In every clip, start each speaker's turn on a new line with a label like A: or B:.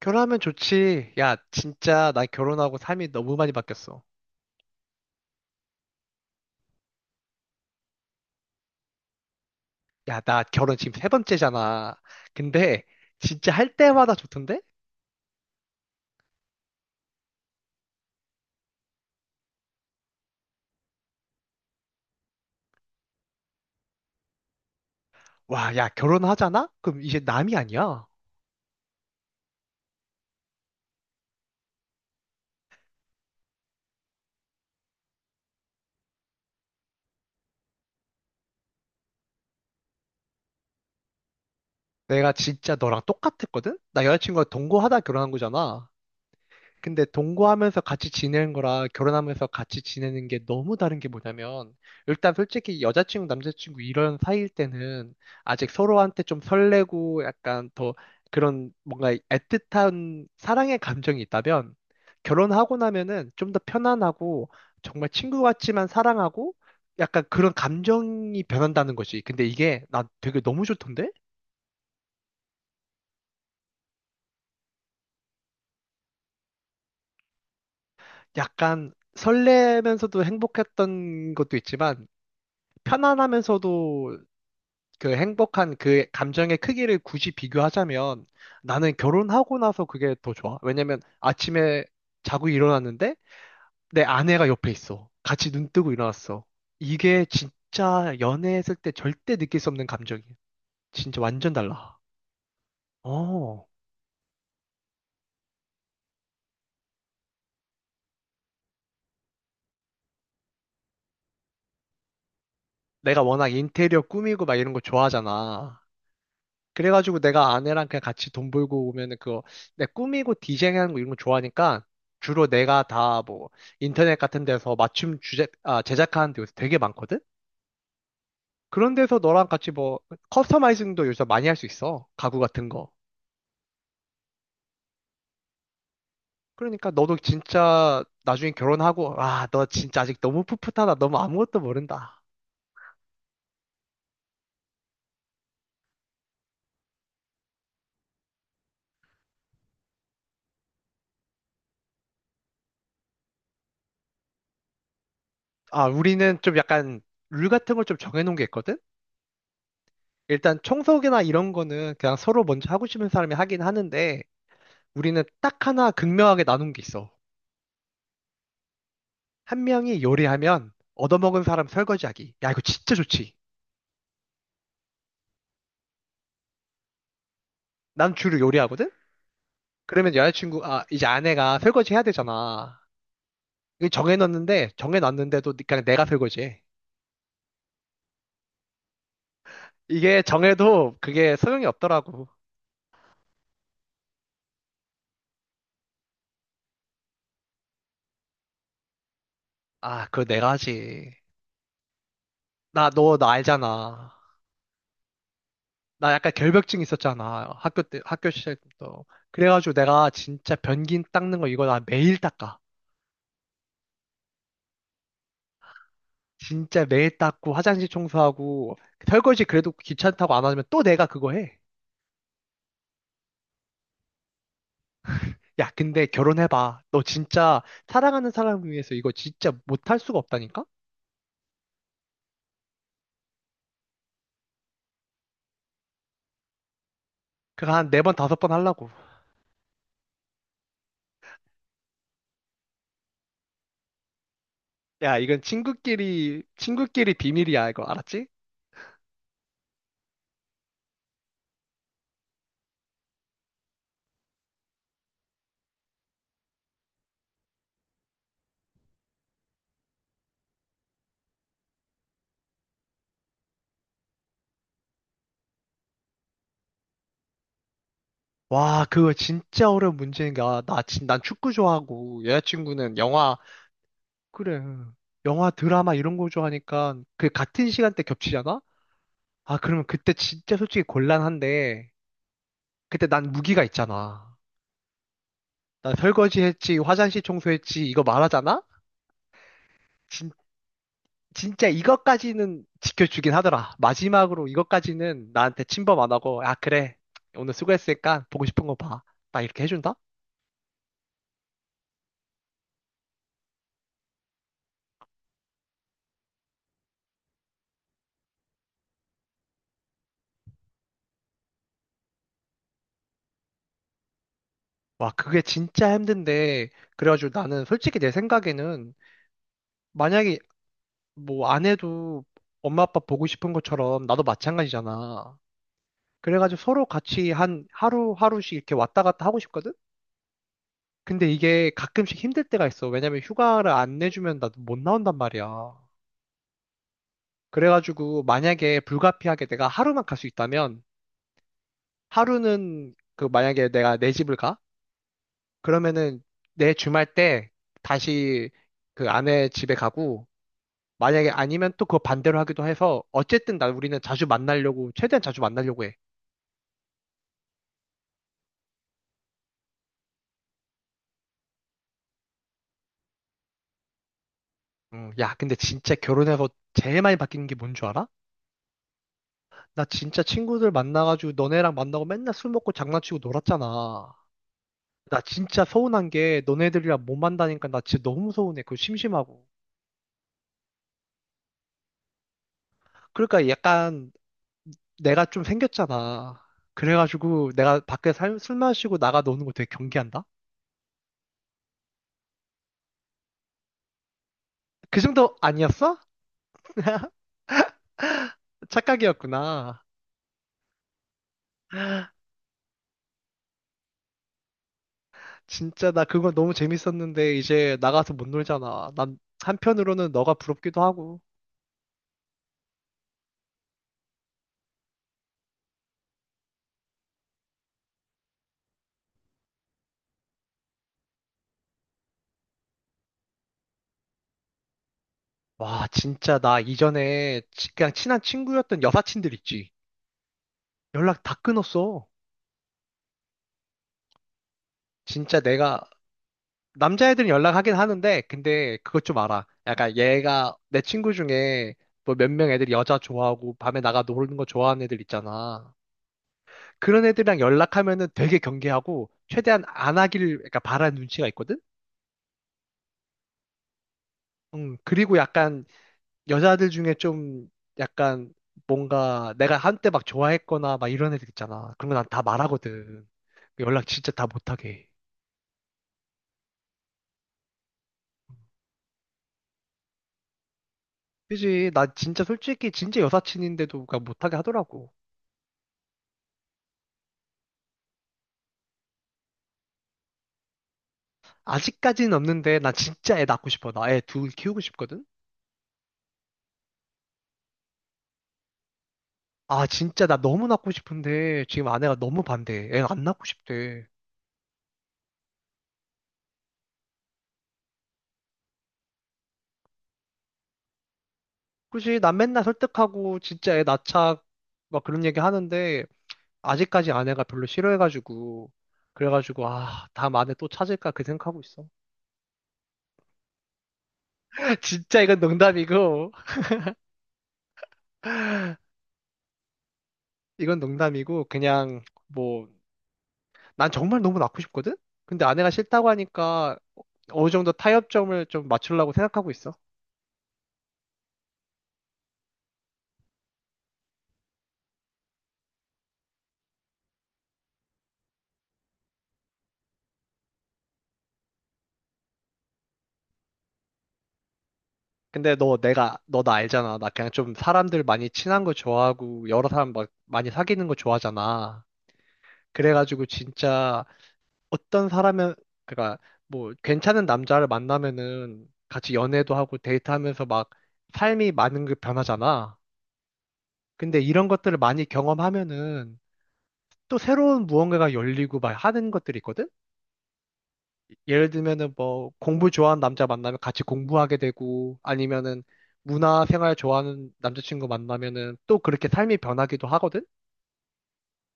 A: 결혼하면 좋지. 야, 진짜 나 결혼하고 삶이 너무 많이 바뀌었어. 야, 나 결혼 지금 세 번째잖아. 근데 진짜 할 때마다 좋던데? 와, 야, 결혼하잖아? 그럼 이제 남이 아니야. 내가 진짜 너랑 똑같았거든? 나 여자친구가 동거하다 결혼한 거잖아. 근데 동거하면서 같이 지내는 거랑 결혼하면서 같이 지내는 게 너무 다른 게 뭐냐면, 일단 솔직히 여자친구, 남자친구 이런 사이일 때는 아직 서로한테 좀 설레고 약간 더 그런 뭔가 애틋한 사랑의 감정이 있다면, 결혼하고 나면은 좀 더 편안하고 정말 친구 같지만 사랑하고 약간 그런 감정이 변한다는 거지. 근데 이게 나 되게 너무 좋던데? 약간 설레면서도 행복했던 것도 있지만, 편안하면서도 그 행복한 그 감정의 크기를 굳이 비교하자면 나는 결혼하고 나서 그게 더 좋아. 왜냐면 아침에 자고 일어났는데 내 아내가 옆에 있어. 같이 눈 뜨고 일어났어. 이게 진짜 연애했을 때 절대 느낄 수 없는 감정이야. 진짜 완전 달라. 어. 내가 워낙 인테리어 꾸미고 막 이런 거 좋아하잖아. 그래가지고 내가 아내랑 그냥 같이 돈 벌고 오면은 그거 내 꾸미고 디자인하는 거 이런 거 좋아하니까 주로 내가 다 뭐 인터넷 같은 데서 맞춤 주제, 아, 제작하는 데 요새 되게 많거든? 그런 데서 너랑 같이 뭐 커스터마이징도 요새 많이 할 수 있어. 가구 같은 거. 그러니까 너도 진짜 나중에 결혼하고, 아, 너 진짜 아직 너무 풋풋하다. 너무 아무것도 모른다. 아, 우리는 좀 약간 룰 같은 걸 좀 정해놓은 게 있거든? 일단 청소기나 이런 거는 그냥 서로 먼저 하고 싶은 사람이 하긴 하는데, 우리는 딱 하나 극명하게 나눈 게 있어. 한 명이 요리하면 얻어먹은 사람 설거지하기. 야, 이거 진짜 좋지. 난 주로 요리하거든? 그러면 여자친구, 아, 이제 아내가 설거지 해야 되잖아. 이거 정해놨는데도 그냥 내가 설거지해. 이게 정해도 그게 소용이 없더라고. 아, 그거 내가 하지. 나, 너, 나 알잖아. 나 약간 결벽증 있었잖아. 학교 때, 학교 시절 때부터. 그래가지고 내가 진짜 변기 닦는 거 이거 나 매일 닦아. 진짜 매일 닦고 화장실 청소하고 설거지 그래도 귀찮다고 안 하면 또 내가 그거 해. 야, 근데 결혼해봐. 너 진짜 사랑하는 사람 위해서 이거 진짜 못할 수가 없다니까? 그거 한 네 번, 다섯 번 하려고. 야, 이건 친구끼리 비밀이야, 이거 알았지? 와, 그거 진짜 어려운 문제인 거야. 나, 난 축구 좋아하고, 여자친구는 영화, 그래. 영화, 드라마 이런 거 좋아하니까, 그 같은 시간대 겹치잖아? 아, 그러면 그때 진짜 솔직히 곤란한데, 그때 난 무기가 있잖아. 나 설거지 했지, 화장실 청소했지, 이거 말하잖아? 진, 진짜 이것까지는 지켜주긴 하더라. 마지막으로 이것까지는 나한테 침범 안 하고, 아, 그래. 오늘 수고했으니까 보고 싶은 거 봐. 나 이렇게 해준다? 와, 그게 진짜 힘든데. 그래가지고 나는 솔직히 내 생각에는 만약에 뭐 안 해도 엄마 아빠 보고 싶은 것처럼 나도 마찬가지잖아. 그래가지고 서로 같이 한 하루하루씩 이렇게 왔다 갔다 하고 싶거든? 근데 이게 가끔씩 힘들 때가 있어. 왜냐면 휴가를 안 내주면 나도 못 나온단 말이야. 그래가지고 만약에 불가피하게 내가 하루만 갈 수 있다면 하루는 그 만약에 내가 내 집을 가? 그러면은 내 주말 때 다시 그 아내 집에 가고 만약에 아니면 또 그거 반대로 하기도 해서 어쨌든 나 우리는 자주 만나려고 최대한 자주 만나려고 해. 야, 근데 진짜 결혼해서 제일 많이 바뀌는 게 뭔 줄 알아? 나 진짜 친구들 만나가지고 너네랑 만나고 맨날 술 먹고 장난치고 놀았잖아. 나 진짜 서운한 게 너네들이랑 못 만나니까 나 진짜 너무 서운해. 그거 심심하고. 그러니까 약간 내가 좀 생겼잖아. 그래가지고 내가 밖에 술 마시고 나가 노는 거 되게 경계한다? 그 정도 아니었어? 착각이었구나. 진짜 나 그거 너무 재밌었는데 이제 나가서 못 놀잖아. 난 한편으로는 너가 부럽기도 하고. 와, 진짜 나 이전에 그냥 친한 친구였던 여사친들 있지. 연락 다 끊었어. 진짜 내가 남자애들은 연락하긴 하는데, 근데 그것 좀 알아. 약간 얘가 내 친구 중에 뭐 몇 명 애들이 여자 좋아하고 밤에 나가 노는 거 좋아하는 애들 있잖아. 그런 애들이랑 연락하면은 되게 경계하고 최대한 안 하길 그러니까 바라는 눈치가 있거든? 그리고 약간 여자들 중에 좀 약간 뭔가 내가 한때 막 좋아했거나 막 이런 애들 있잖아. 그런 거 난 다 말하거든. 연락 진짜 다 못하게. 해. 그지? 나 진짜 솔직히 진짜 여사친인데도 그러니까 못하게 하더라고. 아직까지는 없는데 나 진짜 애 낳고 싶어. 나 애 둘 키우고 싶거든? 아 진짜 나 너무 낳고 싶은데 지금 아내가 너무 반대해. 애 안 낳고 싶대. 그치? 난 맨날 설득하고 진짜 애 낳자 막 그런 얘기 하는데 아직까지 아내가 별로 싫어해가지고 그래가지고 아 다음 아내 또 찾을까 그 생각하고 있어. 진짜 이건 농담이고 이건 농담이고 그냥 뭐 난 정말 너무 낳고 싶거든? 근데 아내가 싫다고 하니까 어, 어느 정도 타협점을 좀 맞추려고 생각하고 있어. 근데 너 내가 너 나 알잖아. 나 그냥 좀 사람들 많이 친한 거 좋아하고 여러 사람 막 많이 사귀는 거 좋아하잖아. 그래가지고 진짜 어떤 사람은 그러니까 뭐 괜찮은 남자를 만나면은 같이 연애도 하고 데이트하면서 막 삶이 많은 게 변하잖아. 근데 이런 것들을 많이 경험하면은 또 새로운 무언가가 열리고 막 하는 것들이 있거든. 예를 들면은 뭐 공부 좋아하는 남자 만나면 같이 공부하게 되고 아니면은 문화 생활 좋아하는 남자친구 만나면은 또 그렇게 삶이 변하기도 하거든?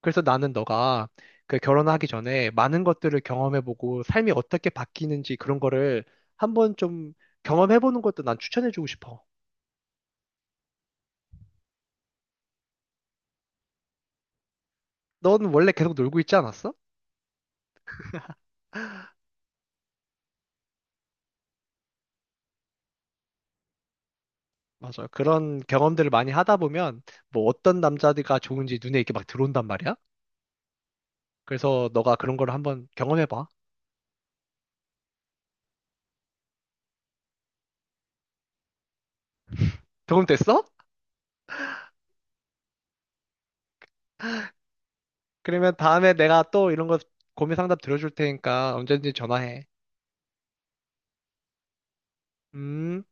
A: 그래서 나는 너가 그 결혼하기 전에 많은 것들을 경험해보고 삶이 어떻게 바뀌는지 그런 거를 한번 좀 경험해보는 것도 난 추천해주고 싶어. 넌 원래 계속 놀고 있지 않았어? 맞아. 그런 경험들을 많이 하다 보면 뭐 어떤 남자가 좋은지 눈에 이렇게 막 들어온단 말이야. 그래서 너가 그런 걸 한번 경험해봐. 경험됐어? 그러면 다음에 내가 또 이런 거 고민 상담 들어줄 테니까 언제든지 전화해. 음.